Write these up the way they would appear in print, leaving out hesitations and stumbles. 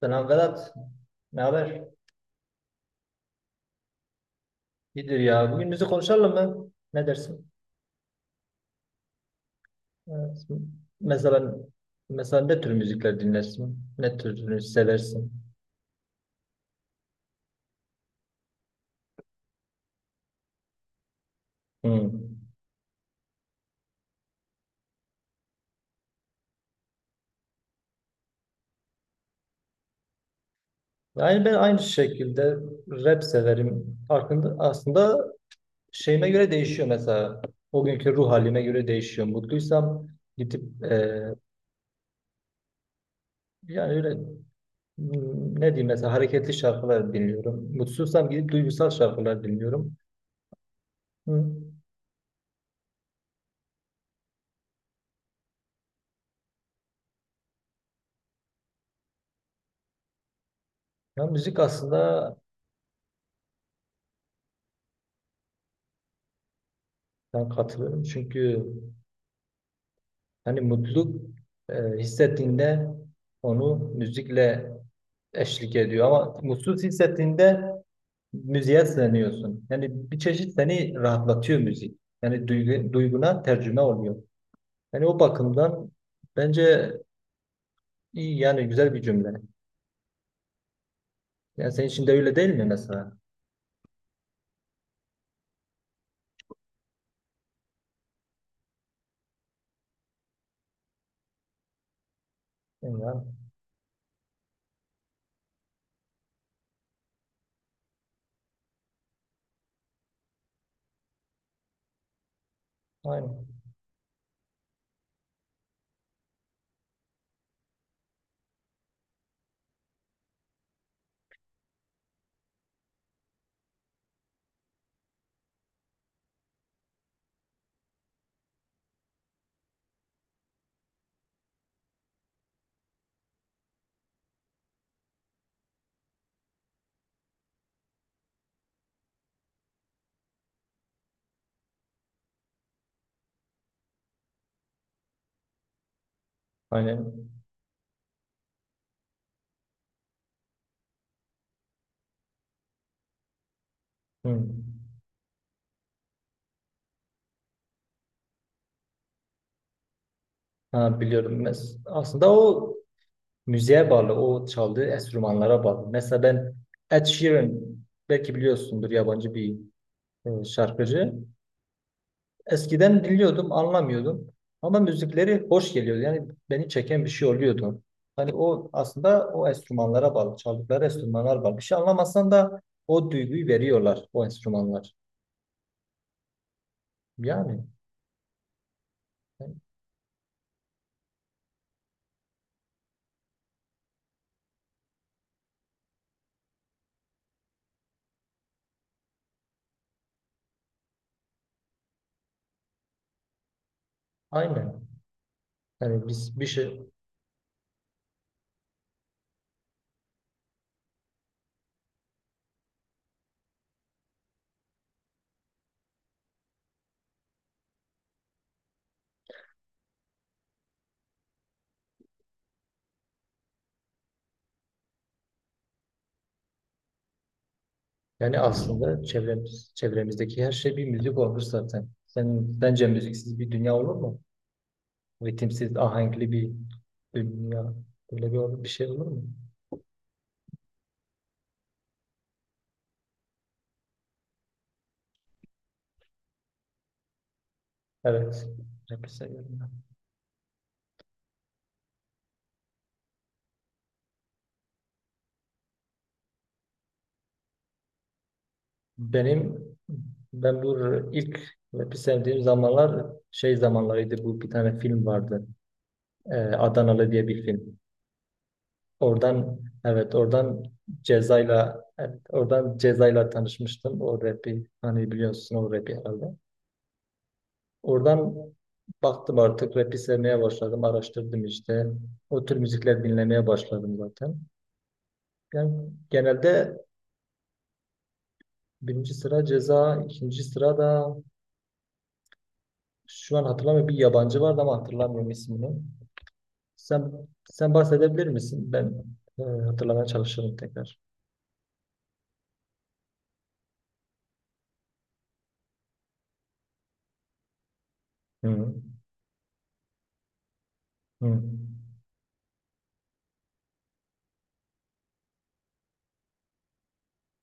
Selam Vedat. Ne haber? İyidir ya. Bugün müzik konuşalım mı? Ne dersin? Evet. Mesela mesela ne tür müzikler dinlersin? Ne türünü seversin? Hmm. Yani ben aynı şekilde rap severim. Farkında, aslında şeyime göre değişiyor mesela. O günkü ruh halime göre değişiyor. Mutluysam gidip yani öyle ne diyeyim mesela hareketli şarkılar dinliyorum. Mutsuzsam gidip duygusal şarkılar dinliyorum. Hmm. Ya müzik aslında ben katılıyorum çünkü hani mutluluk hissettiğinde onu müzikle eşlik ediyor ama mutsuz hissettiğinde müziğe sığınıyorsun. Yani bir çeşit seni rahatlatıyor müzik. Yani duyguna tercüme oluyor. Yani o bakımdan bence iyi yani güzel bir cümle. Yani senin için de öyle değil mi mesela? Yani, aynen. Aynen. Hı. Ha, biliyorum. Aslında o müziğe bağlı, o çaldığı enstrümanlara bağlı. Mesela ben Ed Sheeran belki biliyorsundur yabancı bir şarkıcı. Eskiden dinliyordum, anlamıyordum ama müzikleri hoş geliyordu. Yani beni çeken bir şey oluyordu. Hani o aslında o enstrümanlara bağlı, çaldıkları enstrümanlar bağlı. Bir şey anlamasan da o duyguyu veriyorlar o enstrümanlar. Yani yani aynen. Yani biz bir şey yani aslında çevremizdeki her şey bir müzik olur zaten. Sen bence müziksiz bir dünya olur mu? Ritimsiz, ahenkli bir dünya. Böyle bir şey olur mu? Evet. Rap'i seviyorum ben. Benim ben bu ilk rap'i sevdiğim zamanlar şey zamanlarıydı. Bu bir tane film vardı. Adanalı diye bir film. Oradan evet, oradan Ceza'yla tanışmıştım. O rap'i hani biliyorsun o rap'i herhalde. Oradan baktım artık rap'i sevmeye başladım. Araştırdım işte. O tür müzikler dinlemeye başladım zaten. Yani genelde birinci sıra ceza, ikinci sıra da şu an hatırlamıyorum bir yabancı vardı ama hatırlamıyorum ismini. Sen bahsedebilir misin? Ben hatırlamaya çalışırım tekrar. Hı hı.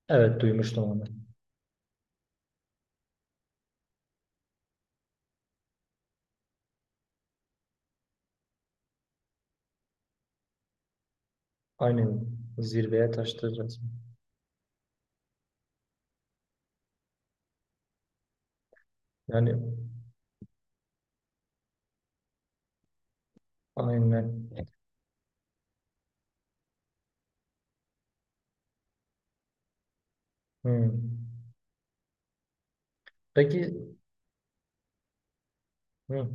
Evet duymuştum onu. Aynen zirveye taştı resmen. Yani aynen. Hı. Peki hı.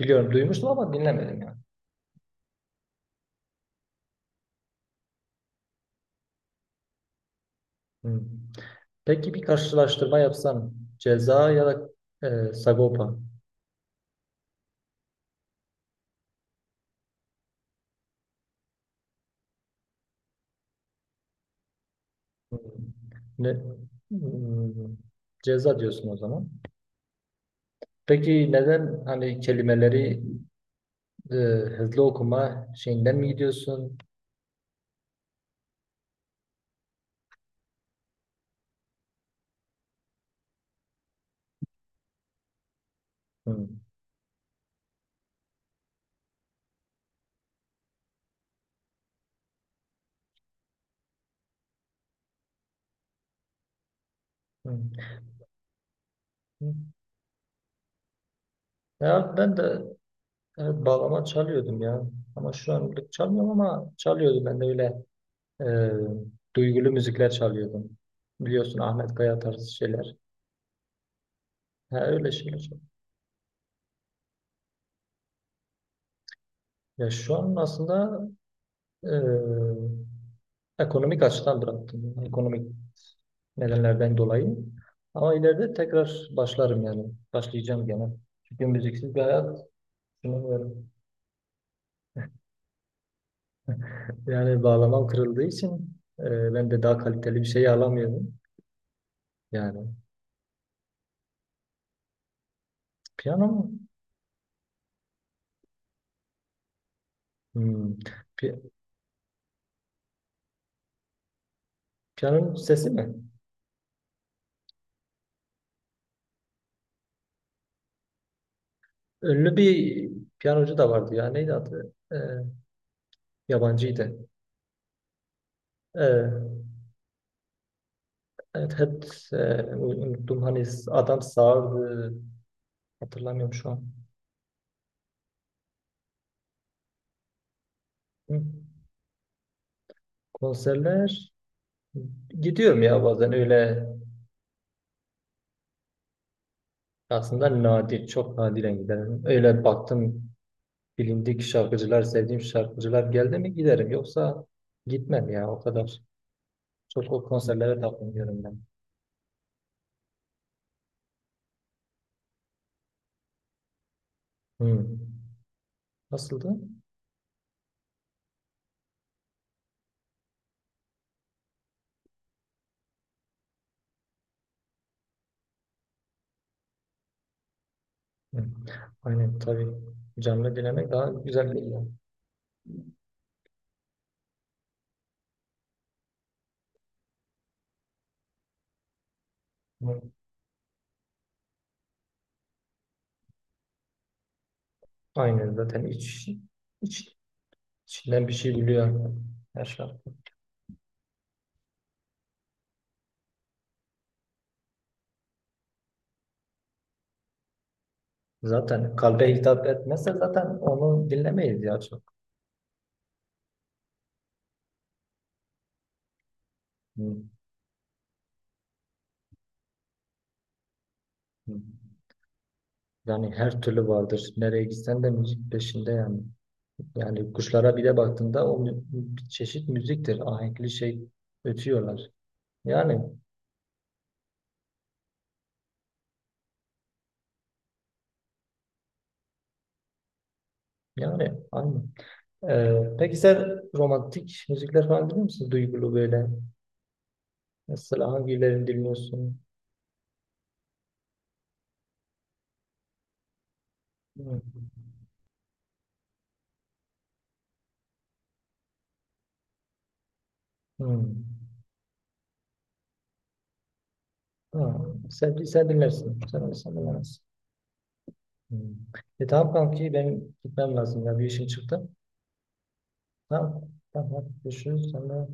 Biliyorum duymuştum ama dinlemedim yani. Hı. Peki bir karşılaştırma yapsan ceza ya da Sagopa. Hmm. Ne, hmm, ceza diyorsun o zaman. Peki neden hani kelimeleri e, hızlı okuma şeyinden mi gidiyorsun? Hmm, hmm, hmm. Ya ben de bağlama çalıyordum ya. Ama şu anlık çalmıyorum ama çalıyordum ben de öyle duygulu müzikler çalıyordum. Biliyorsun Ahmet Kaya tarzı şeyler. Ha, öyle şeyler çalıyordum. Ya şu an aslında e, ekonomik açıdan bıraktım. Ekonomik nedenlerden dolayı. Ama ileride tekrar başlarım yani. Başlayacağım gene. Çünkü müziksiz bir hayat sunamıyorum. Yani bağlamam kırıldığı için ben de daha kaliteli bir şey alamıyorum. Yani piyano mu? Hmm. Pi- piyanonun sesi mi? Ünlü bir piyanocu da vardı ya. Neydi adı? Yabancıydı. E, evet, hep unuttum. Hani adam sağırdı. Hatırlamıyorum şu an. Hı. Konserler gidiyorum ya bazen öyle aslında nadir, çok nadiren giderim. Öyle baktım bilindik şarkıcılar, sevdiğim şarkıcılar geldi mi giderim. Yoksa gitmem ya o kadar. Çok o konserlere takılmıyorum ben. Hı. Nasıldı? Hı. Aynen tabii canlı dinlemek daha güzel geliyor. Hı. Aynen zaten iç, içinden bir şey biliyor her şarkı. Zaten kalbe hitap etmezse zaten onu dinlemeyiz ya çok. Hı. Hı. Yani her türlü vardır. Nereye gitsen de müzik peşinde yani. Yani kuşlara bir de baktığında o bir çeşit müziktir. Ahenkli şey ötüyorlar. Yani yani aynı. Peki sen romantik müzikler falan dinliyor musun? Duygulu böyle. Mesela hangilerini dinliyorsun? Hmm. Hmm. Ha, sen dinlersin. Sen olsan dinlemezsin. Hmm. E tamam kanki benim gitmem lazım ya. Bir işim çıktı. Tamam. Tamam. Hadi görüşürüz. Sonra